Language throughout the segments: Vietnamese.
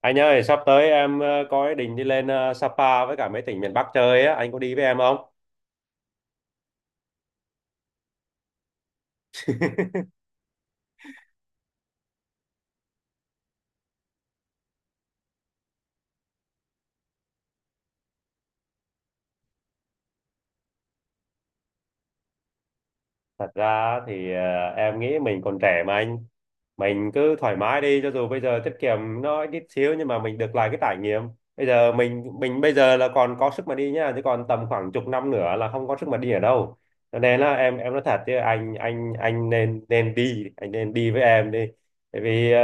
Anh ơi, sắp tới em có ý định đi lên Sapa với cả mấy tỉnh miền Bắc chơi á, anh có đi với em không? Thật ra thì em nghĩ mình còn trẻ mà anh. Mình cứ thoải mái đi, cho dù bây giờ tiết kiệm nó ít xíu nhưng mà mình được lại cái trải nghiệm. Bây giờ mình bây giờ là còn có sức mà đi nhá, chứ còn tầm khoảng chục năm nữa là không có sức mà đi ở đâu. Cho nên là em nói thật chứ anh nên nên đi, anh nên đi với em đi. Tại vì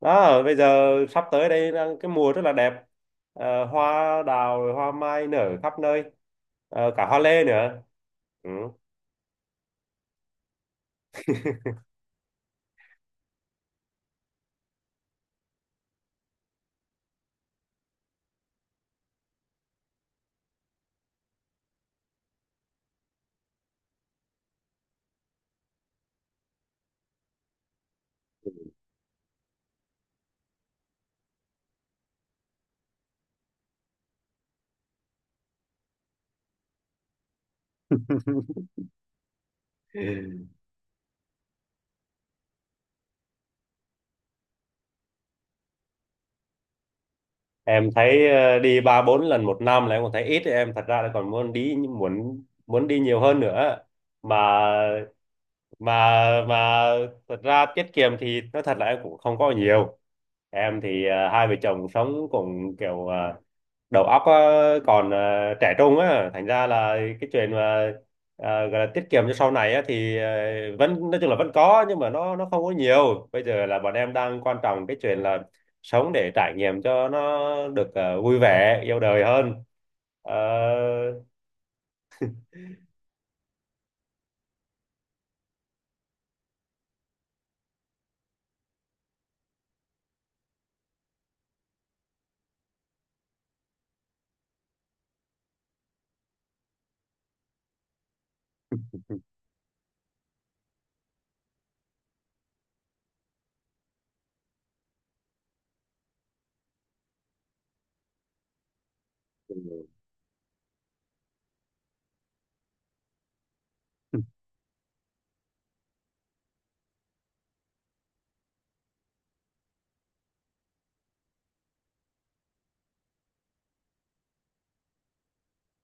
đó, bây giờ sắp tới đây là cái mùa rất là đẹp. Hoa đào hoa mai nở khắp nơi. Cả hoa lê nữa. Ừ. Em thấy đi ba bốn lần một năm là em còn thấy ít, em thật ra là còn muốn đi, muốn muốn đi nhiều hơn nữa mà. mà mà Thật ra tiết kiệm thì nói thật là em cũng không có nhiều. Em thì hai vợ chồng sống cùng kiểu, đầu óc á, còn trẻ trung á, thành ra là cái chuyện mà gọi là tiết kiệm cho sau này á thì vẫn nói chung là vẫn có, nhưng mà nó không có nhiều. Bây giờ là bọn em đang quan trọng cái chuyện là sống để trải nghiệm cho nó được vui vẻ yêu đời hơn. Ờ,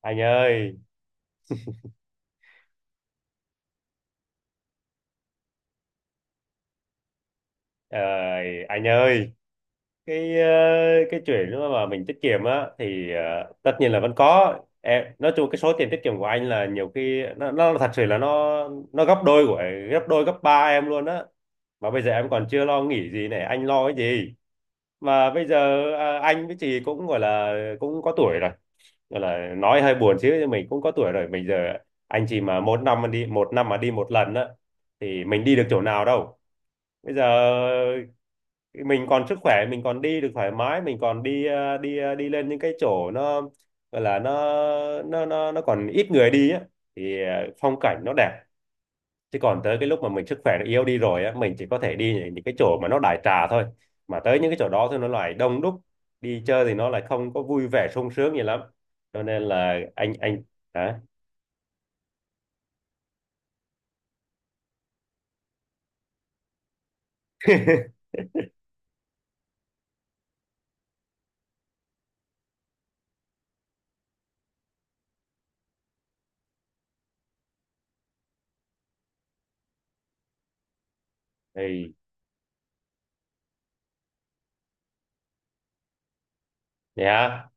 anh ơi, ờ, anh ơi cái ờ, cái chuyện đó mà mình tiết kiệm á thì tất nhiên là vẫn có. Em nói chung cái số tiền tiết kiệm của anh là nhiều khi nó thật sự là nó gấp đôi của gấp đôi gấp ba em luôn á. Mà bây giờ em còn chưa lo nghĩ gì này, anh lo cái gì? Mà bây giờ anh với chị cũng gọi là cũng có tuổi rồi. Gọi là nói hơi buồn chứ nhưng mình cũng có tuổi rồi. Bây giờ anh chị mà một năm mà đi, một năm mà đi một lần á thì mình đi được chỗ nào đâu. Bây giờ mình còn sức khỏe, mình còn đi được thoải mái, mình còn đi lên những cái chỗ nó gọi là nó còn ít người đi á thì phong cảnh nó đẹp. Chứ còn tới cái lúc mà mình sức khỏe nó yếu đi rồi á, mình chỉ có thể đi những cái chỗ mà nó đại trà thôi. Mà tới những cái chỗ đó thì nó lại đông đúc, đi chơi thì nó lại không có vui vẻ sung sướng gì lắm. Cho nên là anh, hả? Thì yeah.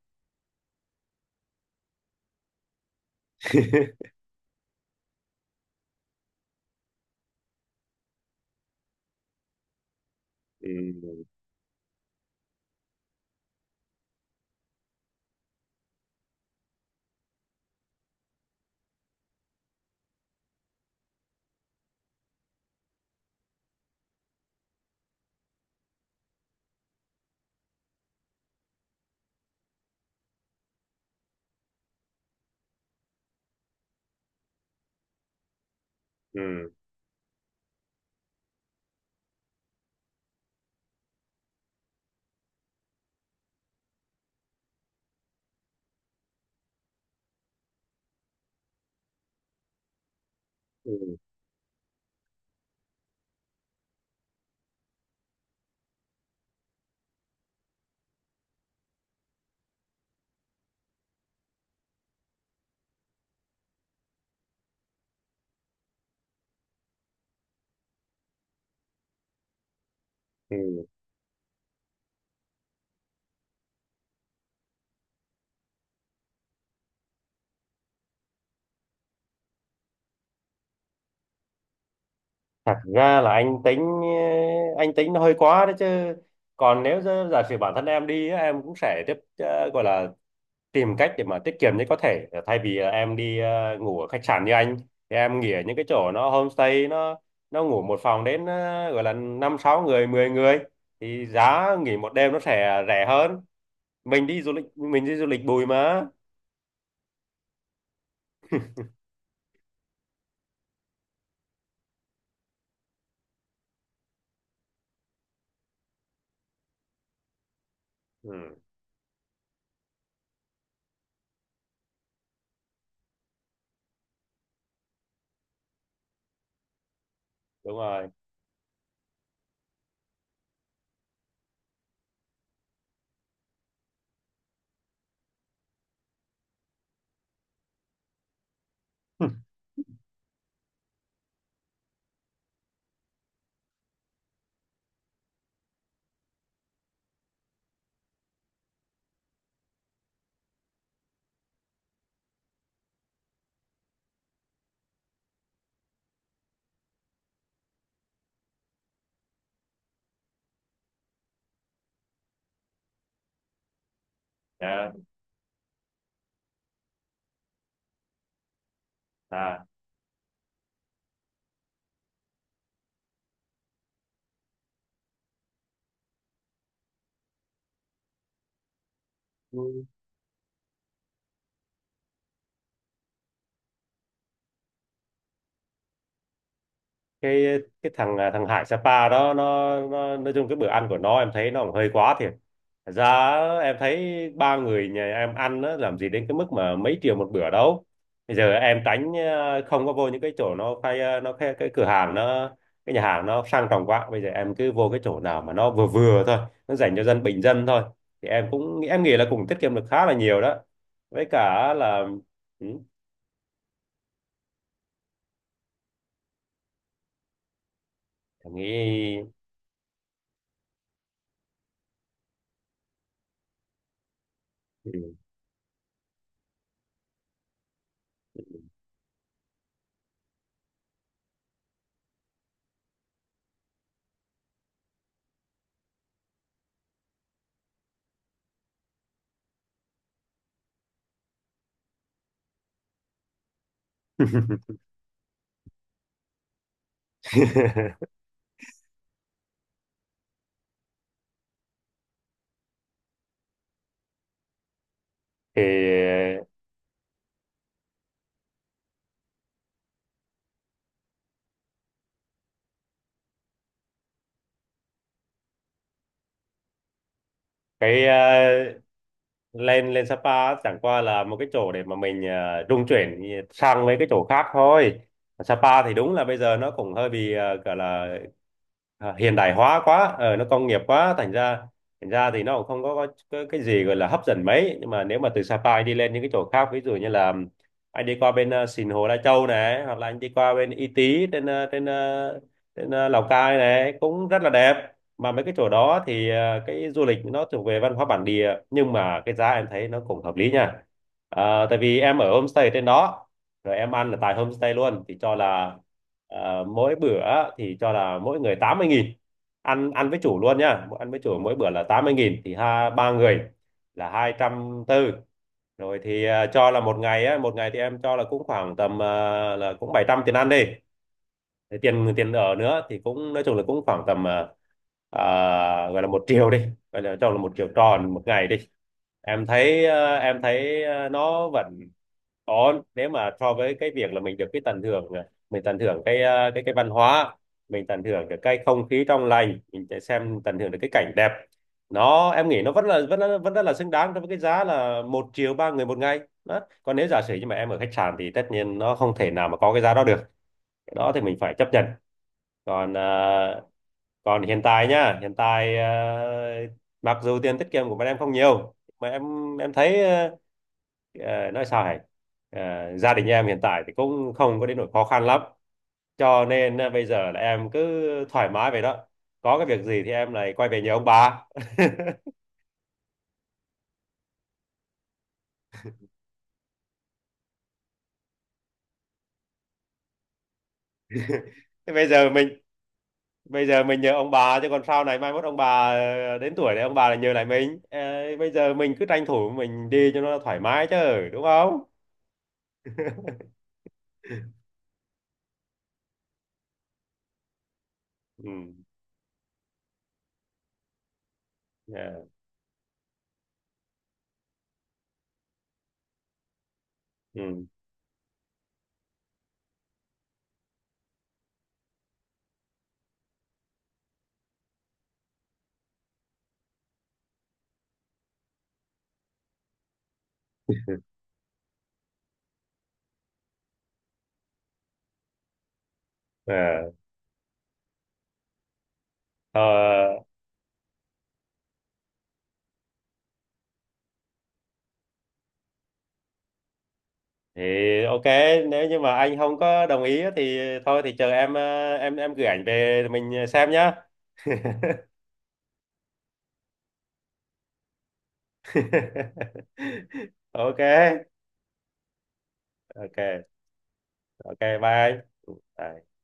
Ừ. Ừ. Ừ. Ừ. Thật ra là anh tính nó hơi quá đấy chứ. Còn nếu giả giả sử bản thân em đi á, em cũng sẽ tiếp gọi là tìm cách để mà tiết kiệm nhất có thể, thay vì là em đi ngủ ở khách sạn như anh, thì em nghỉ ở những cái chỗ nó homestay, nó ngủ một phòng đến gọi là năm sáu người 10 người thì giá nghỉ một đêm nó sẽ rẻ hơn. Mình đi du lịch bụi mà. Ừ, đúng rồi. Đó. à cái thằng Hải Sapa đó, nó nói chung cái bữa ăn của nó em thấy nó cũng hơi quá thiệt. Thật ra em thấy ba người nhà em ăn á, làm gì đến cái mức mà mấy triệu một bữa đâu. Bây giờ em tránh không có vô những cái chỗ nó khai nó khai, cái cửa hàng nó, cái nhà hàng nó sang trọng quá. Bây giờ em cứ vô cái chỗ nào mà nó vừa vừa thôi, nó dành cho dân bình dân thôi, thì em cũng em nghĩ là cũng tiết kiệm được khá là nhiều đó. Với cả là ừ, em nghĩ. Ừ. Thì cái ờ, lên lên Sapa chẳng qua là một cái chỗ để mà mình trung chuyển sang mấy cái chỗ khác thôi. Sapa thì đúng là bây giờ nó cũng hơi bị gọi là hiện đại hóa quá, nó công nghiệp quá. Thành ra thành ra thì nó cũng không có, có cái gì gọi là hấp dẫn mấy, nhưng mà nếu mà từ Sapa anh đi lên những cái chỗ khác, ví dụ như là anh đi qua bên Sìn Hồ Lai Châu này, hoặc là anh đi qua bên Y Tý, Lào Cai này cũng rất là đẹp. Mà mấy cái chỗ đó thì cái du lịch nó thuộc về văn hóa bản địa, nhưng mà cái giá em thấy nó cũng hợp lý nha. Tại vì em ở homestay trên đó rồi em ăn là tại homestay luôn thì cho là mỗi bữa, thì cho là mỗi người 80.000, ăn ăn với chủ luôn nhá. Ăn với chủ mỗi bữa là 80.000 thì ha ba người là 240. Rồi thì cho là một ngày á, một ngày thì em cho là cũng khoảng tầm là cũng 700 tiền ăn đi. Thì tiền tiền ở nữa thì cũng nói chung là cũng khoảng tầm gọi là 1 triệu đi, gọi là cho là 1 triệu tròn một ngày đi. Em thấy nó vẫn có, nếu mà so với cái việc là mình được cái tận hưởng này, mình tận hưởng cái ờ, cái văn hóa, mình tận hưởng được cái không khí trong lành, mình sẽ xem tận hưởng được cái cảnh đẹp, nó em nghĩ nó vẫn là, vẫn rất là xứng đáng đối với cái giá là 1 triệu ba người một ngày. Đó. Còn nếu giả sử như mà em ở khách sạn thì tất nhiên nó không thể nào mà có cái giá đó được, cái đó thì mình phải chấp nhận. Còn còn hiện tại nhá, mặc dù tiền tiết kiệm của bọn em không nhiều, mà em thấy nói sao hả? Ờ, Gia đình em hiện tại thì cũng không có đến nỗi khó khăn lắm. Cho nên bây giờ là em cứ thoải mái vậy đó. Có cái việc gì thì em lại quay về nhờ ông bà. Thế bây giờ mình nhờ ông bà, chứ còn sau này mai mốt ông bà đến tuổi này ông bà lại nhờ lại mình. Ờ, Bây giờ mình cứ tranh thủ mình đi cho nó thoải mái chứ, đúng không? Ừ. Ờ, Ừ. Ờ. Ờ, thì ok. Nếu như mà anh không có đồng ý á thì thôi thì chờ em, em gửi ảnh về rồi mình xem nhá. Ok, ok, ok, bye anh. Ừ, bye.